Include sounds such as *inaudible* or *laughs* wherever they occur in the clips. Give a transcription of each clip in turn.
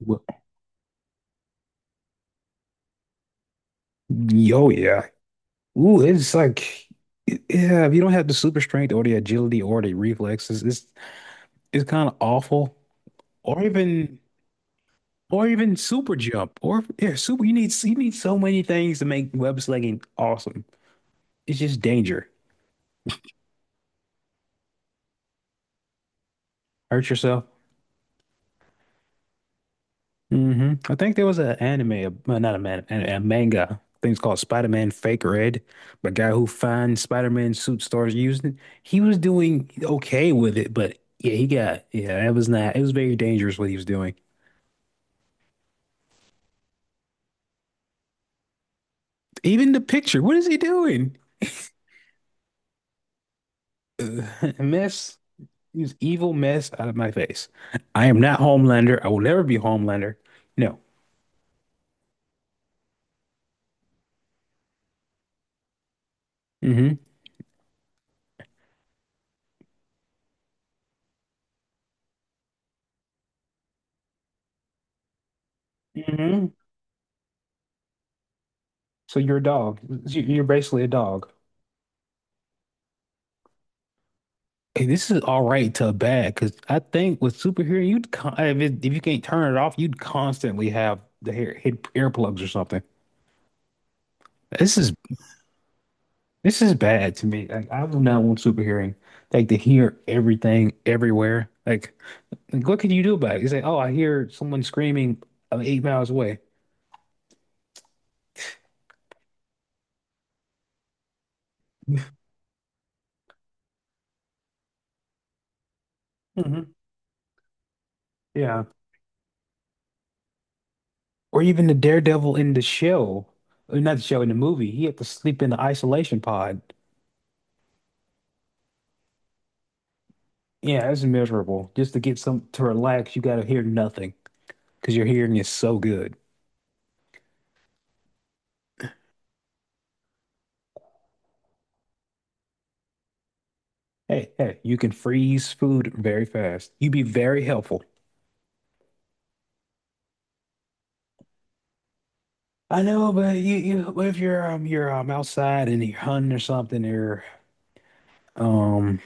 Well, yeah. Ooh, yeah, if you don't have the super strength or the agility or the reflexes, it's kind of awful. Or even, or even super jump, or yeah, super. You need so many things to make web slinging awesome. It's just danger. Hurt yourself. I think there was an anime, a, well, not a man, a manga. I think it's called Spider-Man Fake Red. But guy who finds Spider-Man suit starts using it. He was doing okay with it, but yeah, he got yeah. That was not. It was very dangerous what he was doing. Even the picture. What is he doing? Ugh, *laughs* mess. He evil mess out of my face. I am not Homelander. I will never be Homelander. No. Hmm. Hmm. So you're a dog. You're basically a dog. Hey, this is all right to bad because I think with superhero, you'd con if, if you can't turn it off, you'd constantly have the hair hit earplugs or something. This is this is bad to me. Like I do not want superhearing, like to hear everything everywhere. Like, what can you do about it? You say, oh, I hear someone screaming 8 miles away. Hmm. Yeah, or even the Daredevil in the show, not the show in the movie. He had to sleep in the isolation pod. Yeah, that's miserable. Just to get some to relax, you got to hear nothing, because your hearing is so good. Hey, hey, you can freeze food very fast. You'd be very helpful. I know, but you if you're you're outside and you're hunting or something or um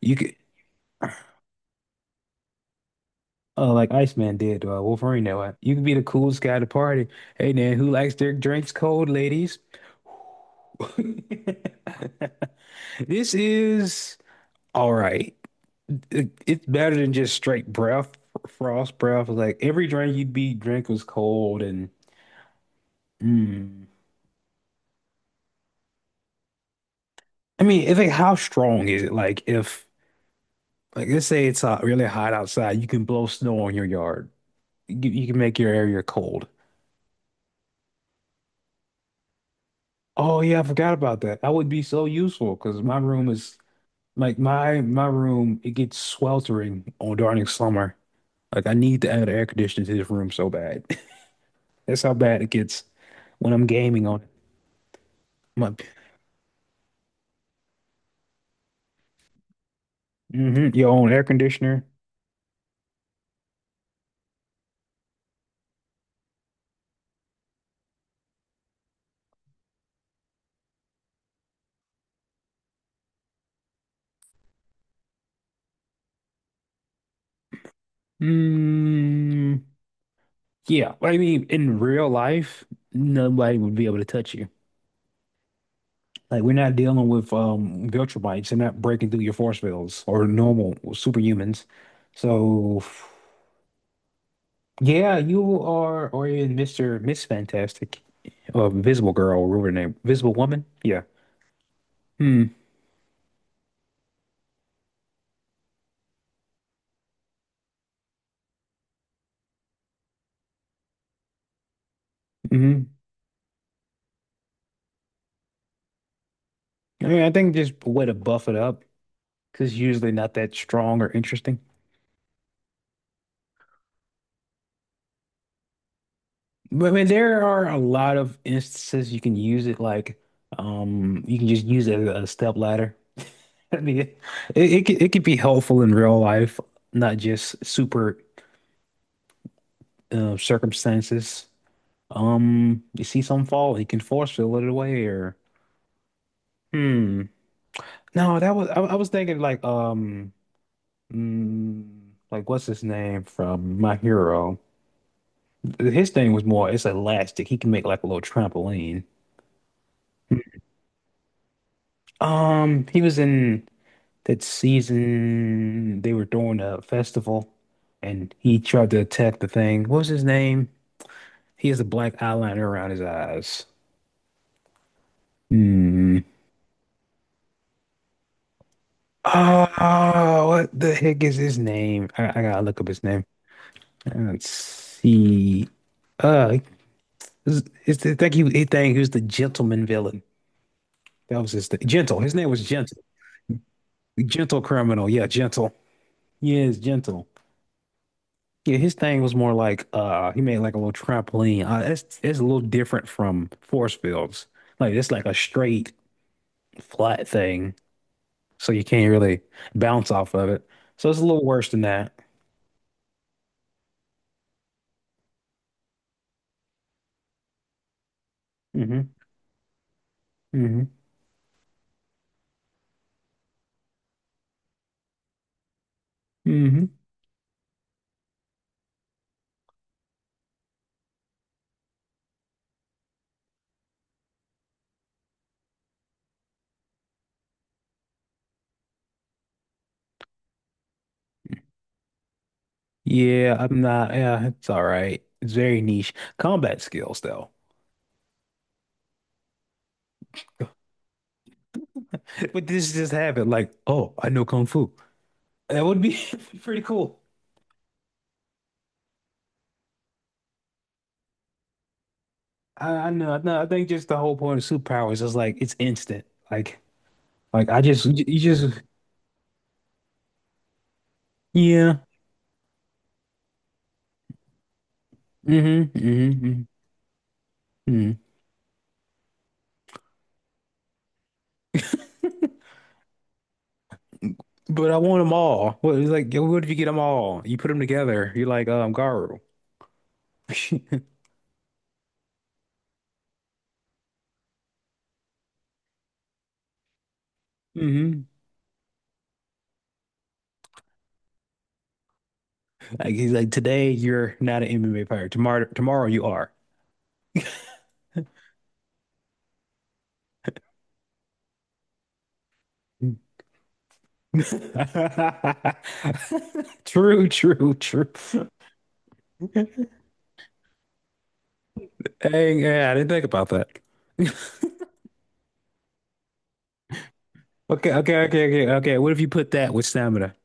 you could like Iceman did to Wolverine way. You could be the coolest guy at the party. Hey man, who likes their drinks cold, ladies? *laughs* This is all right. It's better than just straight breath, frost breath. Like every drink you'd be drink was cold and Mm. I mean, if it, how strong is it? Like if like let's say it's really hot outside, you can blow snow on your yard. You can make your area cold. Oh yeah, I forgot about that. That would be so useful because my room, it gets sweltering on during summer. Like I need to add air conditioning to this room so bad. *laughs* That's how bad it gets when I'm gaming on it. My, hmm. Your own air conditioner. Mm, yeah, I mean, in real life, nobody would be able to touch you. Like we're not dealing with vulture bites. They're not breaking through your force fields or normal superhumans. So yeah, you are or in Mr. Miss Fantastic, or Invisible Girl, or whatever her name, Visible Woman. Yeah. Hmm. Hmm. I mean, I think just a way to buff it up because usually not that strong or interesting. But I mean, there are a lot of instances you can use it like you can just use it as a step ladder. *laughs* I mean, it could be helpful in real life, not just super circumstances. You see some fall, he can force fill it away, or hmm. No, that was I was thinking like mm, like what's his name from My Hero? His thing was more it's elastic. He can make like a little trampoline. He was in that season they were doing a festival and he tried to attack the thing. What was his name? He has a black eyeliner around his eyes. Hmm. Oh, what the heck is his name? I gotta look up his name. Let's see. Uh, it's I think he was the gentleman villain. That was his thing. Gentle. His name was Gentle. Gentle criminal. Yeah, Gentle. Yes, Gentle. Yeah, his thing was more like he made like a little trampoline. It's a little different from force fields. Like it's like a straight flat thing, so you can't really bounce off of it. So it's a little worse than that. Hmm. Hmm. Hmm. Yeah, I'm not. Yeah, it's all right. It's very niche combat skills, though. *laughs* But this just happened. Like, oh, I know kung fu. That would be *laughs* pretty cool. I know. I know. I think just the whole point of superpowers is like it's instant. Like I just you you just yeah. Hmm. Hmm. Hmm. But I want them all. What it's like? What if you get them all? You put them together. You're like Garu. *laughs* Hmm. Like he's like, today you're not an MMA fighter. Tomorrow, tomorrow you are. *laughs* True, true, true. Dang, yeah, I didn't think about that. *laughs* Okay, okay, okay, okay, okay. What if you put that with stamina?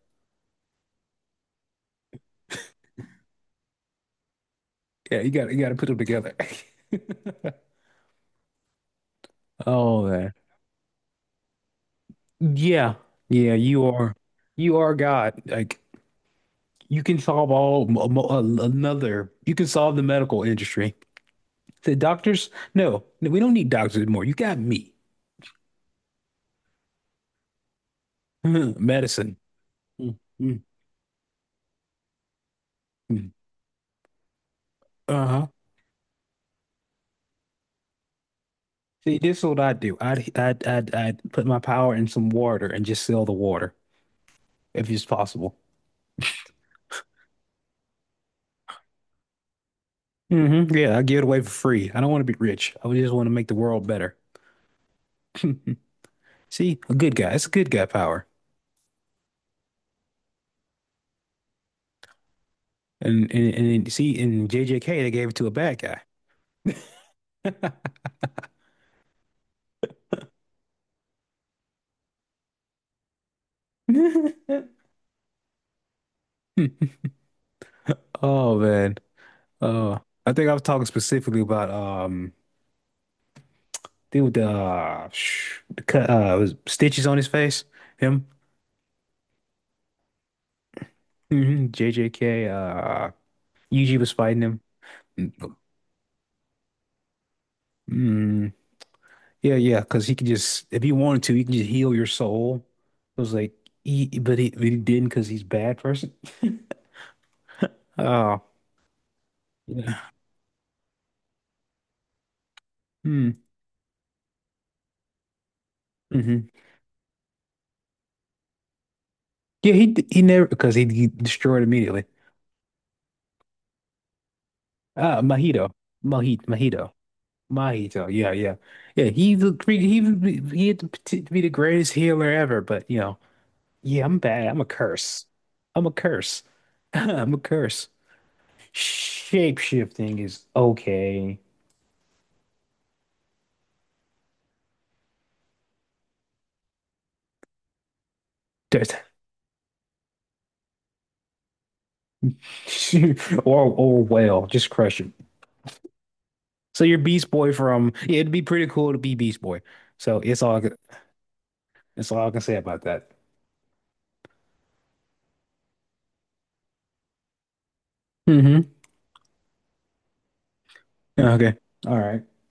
Yeah, you got to put them together. *laughs* Oh man. Yeah. Yeah, you are God. Like you can solve all another. You can solve the medical industry. The doctors? No, no, we don't need doctors anymore. You got me. *laughs* Medicine. Mm-hmm. Uh-huh. See, this is what I do. I'd put my power in some water and just sell the water if it's possible. Hmm. Yeah, I give it away for free. I don't want to be rich. I just want to make the world better. *laughs* See, a good guy. It's a good guy power. And then, see, in JJK they gave it to a bad guy. *laughs* Oh man. Uh, I think I was talking specifically about the cut was stitches on his face. Him. Hmm. JJK, Yuji was fighting him. Mm, mm, yeah, yeah, because he could just, if he wanted to, he can just heal your soul. It was like, he, but he didn't because he's a bad person. *laughs* Oh, yeah. Mm. Hmm. Mm-hmm. Yeah, he never because he destroyed immediately. Ah, Mahito, Mahito, Mahito. Yeah, yeah, yeah. He the cre- he was- he had the to be the greatest healer ever, but you know, yeah, I'm bad. I'm a curse. I'm a curse. *laughs* I'm a curse. Shapeshifting is okay. *laughs* Or well, just crush it. So you're Beast Boy from yeah, it'd be pretty cool to be Beast Boy. So it's all I can say about that. Mm-hmm. Okay. All right.